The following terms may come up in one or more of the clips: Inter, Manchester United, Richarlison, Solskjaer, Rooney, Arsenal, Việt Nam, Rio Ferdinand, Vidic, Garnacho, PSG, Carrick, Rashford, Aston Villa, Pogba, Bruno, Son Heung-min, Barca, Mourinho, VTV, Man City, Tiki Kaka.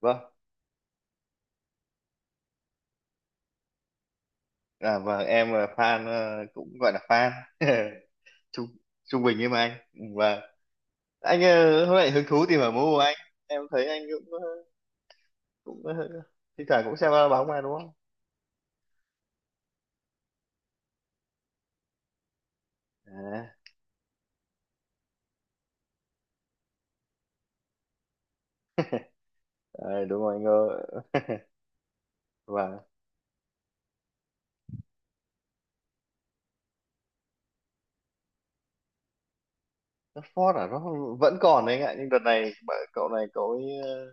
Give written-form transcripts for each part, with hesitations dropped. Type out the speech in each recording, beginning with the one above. Vâng, vâng, em là fan, cũng gọi là fan. trung trung bình như mà anh, và anh hôm nay hứng thú tìm hiểu môn của anh. Em thấy anh cũng cũng ờ, thi thoảng cũng xem bóng mà, đúng không? à, ờ, Đúng rồi anh ơi. và Rashford nó vẫn còn đấy anh ạ, nhưng đợt này cậu này cậu ấy ờ,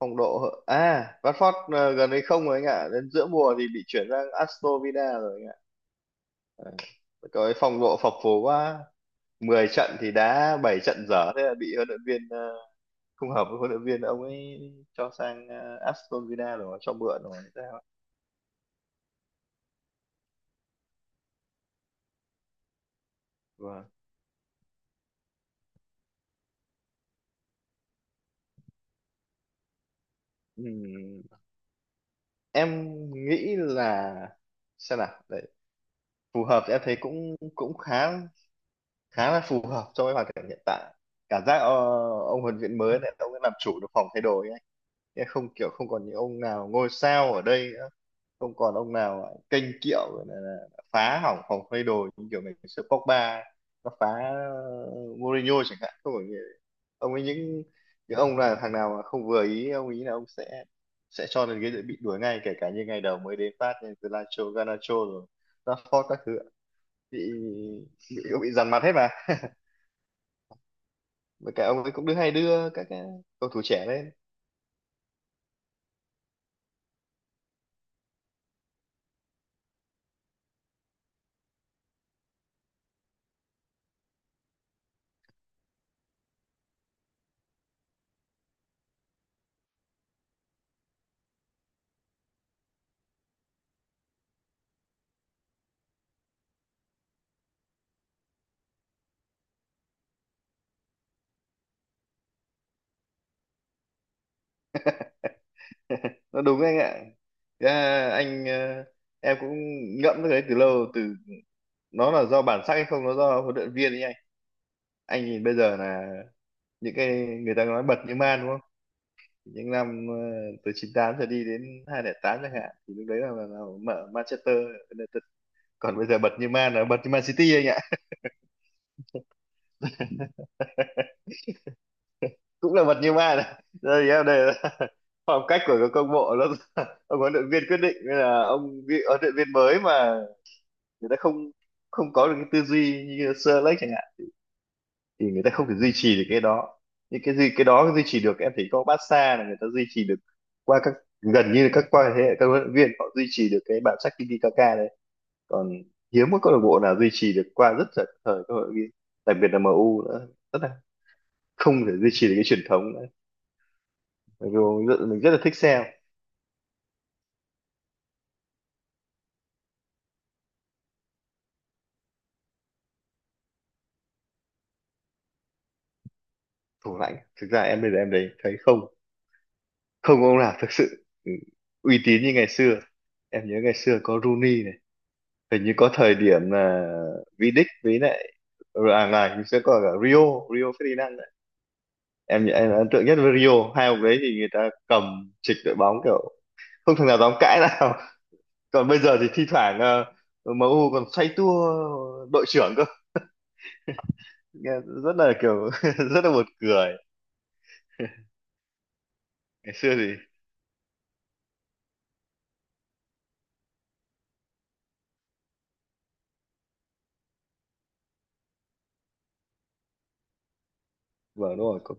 phong độ hợ- à Rashford gần đây không rồi anh ạ, đến giữa mùa thì bị chuyển sang Aston Villa rồi anh ạ. Ờ, Cậu ấy phong độ phập phù quá, 10 trận thì đá 7 trận dở, thế là bị huấn luyện viên không hợp với huấn luyện viên, ông ấy cho sang Aston Villa rồi, cho mượn rồi hay sao ấy. Vâng. Ừm, em nghĩ là xem nào đấy, phù hợp thì em thấy cũng cũng khá khá là phù hợp cho cái hoàn cảnh hiện tại. Cảm giác ông huấn luyện viên mới này ông ấy làm chủ được phòng thay đồ ấy anh. Chứ không kiểu không còn những ông nào ngôi sao ở đây, không còn ông nào kênh kiệu, gọi là phá hỏng phòng thay đồ như kiểu ngày xưa Pogba nó phá, Mourinho chẳng hạn, không phải như- ông ấy, những ông là thằng nào mà không vừa ý ông ý là ông sẽ cho lên ghế dự bị, đuổi ngay, kể cả như ngày đầu mới đến phát như Garnacho, Garnacho rồi Rashford các thứ bị bị, bị dằn mặt hết mà. Với cả ông ấy cũng đưa, hay đưa các cái cầu thủ trẻ lên. Nó đúng anh ạ. Thế là anh ờ, Em cũng ngẫm cái đấy từ lâu, nó là do bản sắc hay không, nó do huấn luyện viên ấy anh. Anh nhìn bây giờ là những cái người ta nói bật như man, đúng không, những năm từ 98 giờ đi đến 2008 chẳng hạn, thì lúc đấy là mở Manchester United. Còn bây giờ bật như man là bật như Man City anh ạ. Cũng là bật như man đây thì em đây là. Phong cách của các câu lạc bộ nó, ông huấn luyện viên quyết định, nên là huấn luyện viên mới mà người ta không không có được cái tư duy như Sir Alex chẳng hạn thì người ta không thể duy trì được cái đó. Những cái gì cái đó duy trì được, em thấy có Barca là người ta duy trì được qua các, gần như là các, qua thế hệ các huấn luyện viên, họ duy trì được cái bản sắc Tiki Kaka đấy. Còn hiếm có câu lạc bộ nào duy trì được qua rất là thời các huấn luyện viên, đặc biệt là MU nữa, rất là không thể duy trì được cái truyền thống nữa. Mặc dù mình rất là thích xem. Thủ lãnh thực ra em bây giờ em đấy thấy không, không ông nào thực sự uy tín như ngày xưa. Em nhớ ngày xưa có Rooney này, hình như có thời điểm là Vidic, với lại, ừ, à này thì sẽ có cả Rio, Rio Ferdinand đấy. Em ấn tượng nhất với Rio. Hai ông đấy thì người ta cầm trịch đội bóng, kiểu không thằng nào dám cãi nào. Còn bây giờ thì thi thoảng MU còn xoay tua đội trưởng cơ, nghe rất là kiểu rất là buồn cười. Ngày xưa thì vâng, đúng rồi cũng.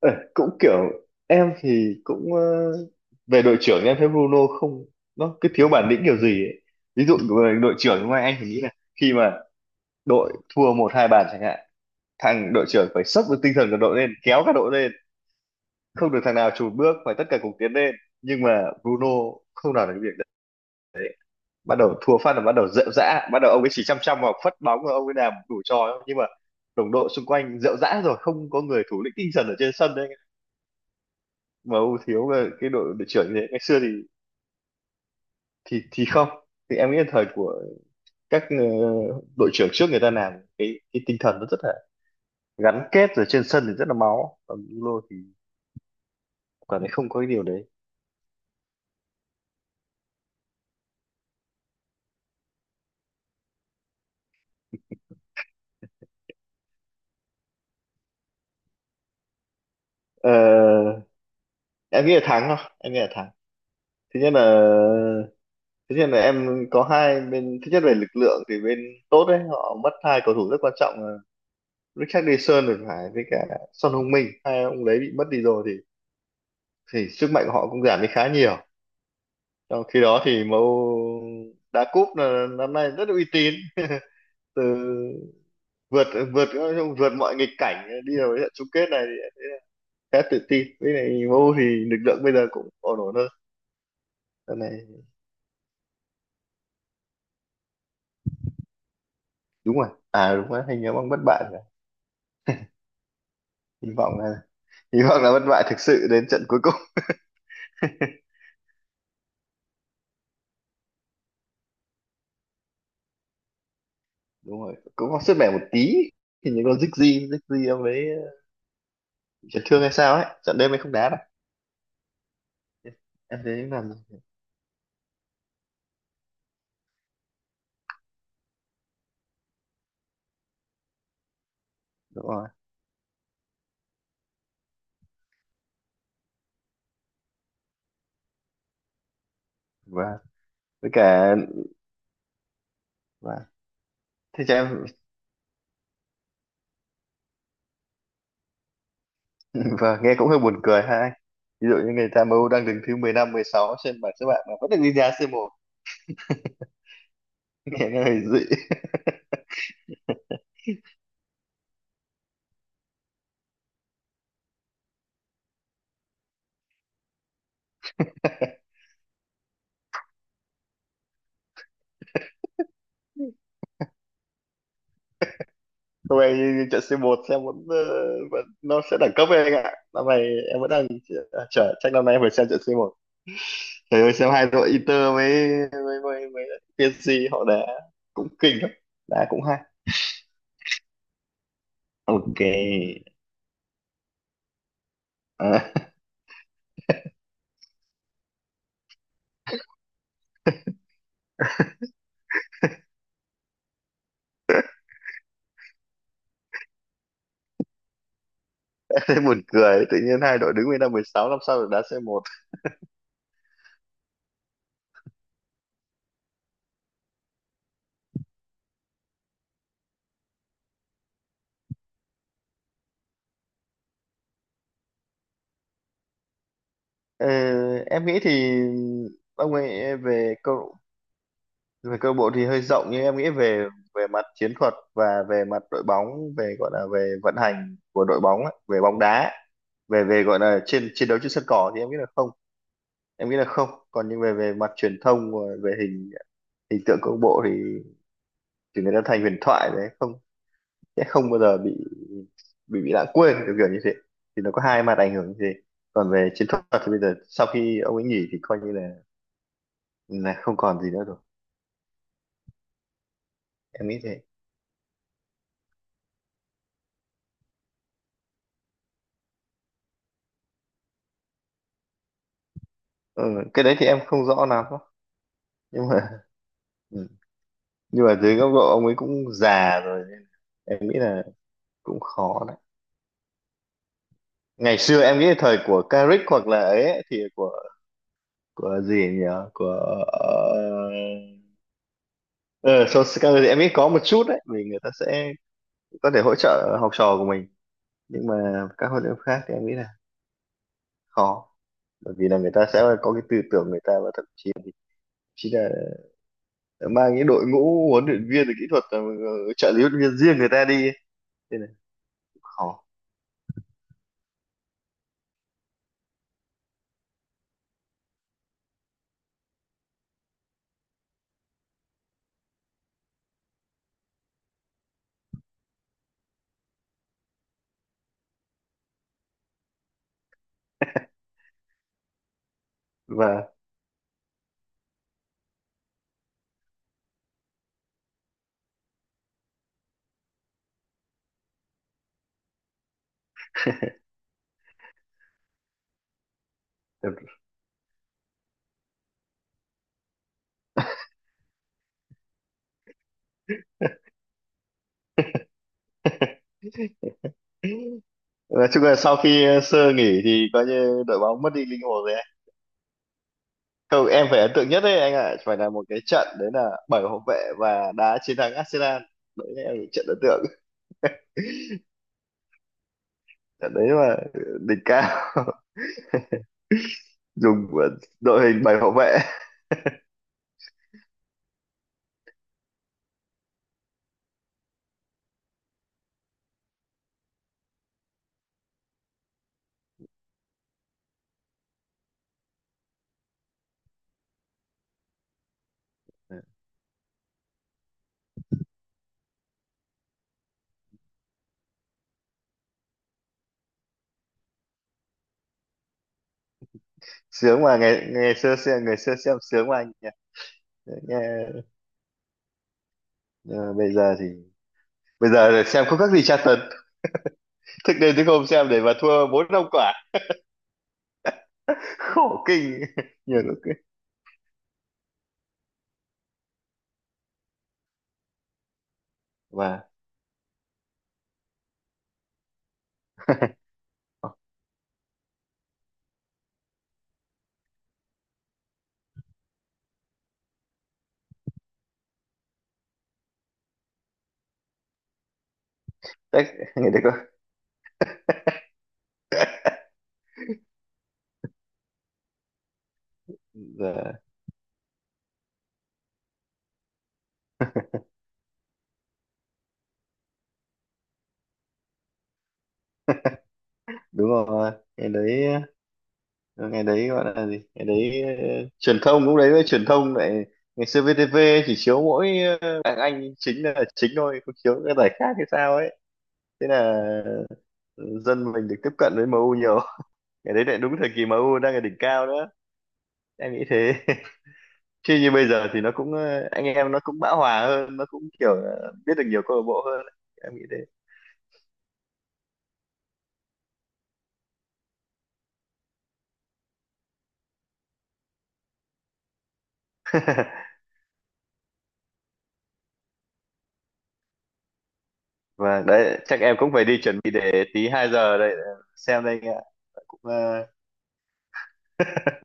Ờ, Cũng kiểu em thì cũng về đội trưởng em thấy Bruno không, nó cứ thiếu bản lĩnh kiểu gì ấy. Ví dụ về đội trưởng ngoài, anh thì nghĩ là khi mà đội thua một hai bàn chẳng hạn, thằng đội trưởng phải sốc được tinh thần của đội lên, kéo cả đội lên, không được thằng nào chùn bước, phải tất cả cùng tiến lên. Nhưng mà Bruno không làm được cái việc đấy, bắt đầu thua phát là bắt đầu rệu rã, bắt đầu ông ấy chỉ chăm chăm vào phất bóng và ông ấy làm đủ trò ấy. Nhưng mà đồng đội xung quanh rệu rã rồi, không có người thủ lĩnh tinh thần ở trên sân đấy, mà ưu thiếu là cái đội đội trưởng như thế ngày xưa thì không, thì em nghĩ là thời của các đội trưởng trước, người ta làm cái tinh thần nó rất là gắn kết, rồi trên sân thì rất là máu, còn Bruno thì cảm thấy không có cái điều đấy. Ờ, em nghĩ là thắng, không em nghĩ là thắng. Thứ nhất là, em có hai bên, thứ nhất về lực lượng thì bên tốt đấy họ mất hai cầu thủ rất quan trọng là Richarlison thì phải, với cả Son Heung-min, hai ông đấy bị mất đi rồi thì sức mạnh của họ cũng giảm đi khá nhiều. Trong khi đó thì MU đá cúp là năm nay rất uy tín. từ vượt vượt Vượt mọi nghịch cảnh đi vào trận chung kết này thì khá tự tin. Với lại MU thì lực lượng bây giờ cũng ổn, ổn hơn lần này. Đúng rồi, à đúng rồi, hình như ông bất bại. Hy vọng là, bất bại thực sự đến trận cuối cùng. Đúng rồi, cũng có sức mẻ một tí, thì những con Ziggy Ziggy ông ấy chấn thương hay sao ấy, trận đêm ấy không đá đâu, em thấy làm gì? Đúng rồi, và với cả và thế cho em. Nghe cũng hơi buồn cười ha anh. Ví dụ như người ta MU đang đứng thứ 15-16 trên bảng xếp hạng mà vẫn được đi đá C1. Nghe nó hơi dị. Không em, như trận C1 xem vẫn, vẫn nó sẽ đẳng cấp với anh ạ, năm nay em vẫn đang chờ, chắc năm nay em phải xem trận C1. Trời ơi, xem hai đội Inter với, với PSG họ đá cũng kinh lắm, đá cũng hay. Ok. À, thế buồn cười, tự nhiên hai đội đứng bên 16, năm sau được đá C1. Ờ, em nghĩ thì ông ấy về câu lạc bộ thì hơi rộng, nhưng em nghĩ về về mặt chiến thuật và về mặt đội bóng, về, gọi là về vận hành của đội bóng ấy, về bóng đá, về về gọi là trên chiến đấu trên sân cỏ thì em nghĩ là không. Em nghĩ là không. Còn những về về mặt truyền thông, về hình hình tượng câu lạc bộ thì người ta thành huyền thoại đấy, không sẽ không bao giờ bị lãng quên kiểu, kiểu như thế. Thì nó có hai mặt ảnh hưởng như thế. Còn về chiến thuật thì bây giờ sau khi ông ấy nghỉ thì coi như là không còn gì nữa rồi. Em nghĩ thế. ừ, cái đấy thì em không rõ lắm, nhưng mà ừ. Nhưng mà dưới góc độ ông ấy cũng già rồi, em nghĩ là cũng khó đấy. Ngày xưa em nghĩ là thời của Carrick hoặc là ấy ấy, thì của gì nhỉ, của ờ, Solskjaer thì em nghĩ có một chút đấy, vì người ta sẽ có thể hỗ trợ học trò của mình. Nhưng mà các huấn luyện viên khác thì em nghĩ là khó, bởi vì là người ta sẽ có cái tư tưởng người ta, và thậm chí chỉ là mang cái đội ngũ huấn luyện viên rồi kỹ thuật, trợ lý huấn luyện viên riêng người ta đi ấy. Nên là khó. và nói chung là sau khi sơ nghỉ thì coi như đội bóng mất đi linh hồn rồi anh. Câu em phải ấn tượng nhất đấy anh ạ, phải là một cái trận đấy là bảy hậu vệ và đá chiến thắng Arsenal. Đấy là trận ấn tượng, trận đấy là đỉnh cao dùng của đội hình bảy hậu vệ. Sướng mà ngày ngày xưa xem sướng mà anh nhỉ. Nghe ờ, bây giờ thì bây giờ là xem không khác gì tra tấn thực đến, chứ không xem để mà thua bốn năm quả khổ kinh nhiều lúc ấy. và Đấy ngày đấy có giờ đúng rồi ngày đấy, gọi là gì, ngày đấy truyền thông cũng đấy, với truyền thông lại, ngày xưa VTV chỉ chiếu mỗi đàn anh chính là chính thôi, không chiếu các giải khác hay sao ấy. Thế là dân mình được tiếp cận với MU nhiều, cái đấy lại đúng thời kỳ MU đang ở đỉnh cao đó. Em nghĩ thế. Chứ như bây giờ thì nó cũng anh em nó cũng bão hòa hơn, nó cũng kiểu là biết được nhiều câu lạc bộ hơn. Em nghĩ thế. Đấy, chắc em cũng phải đi chuẩn bị để tí 2 giờ đây, xem đây anh ạ, cũng ờ,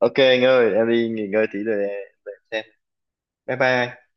ok anh ơi, em đi nghỉ ngơi tí rồi để xem. Bye bye anh.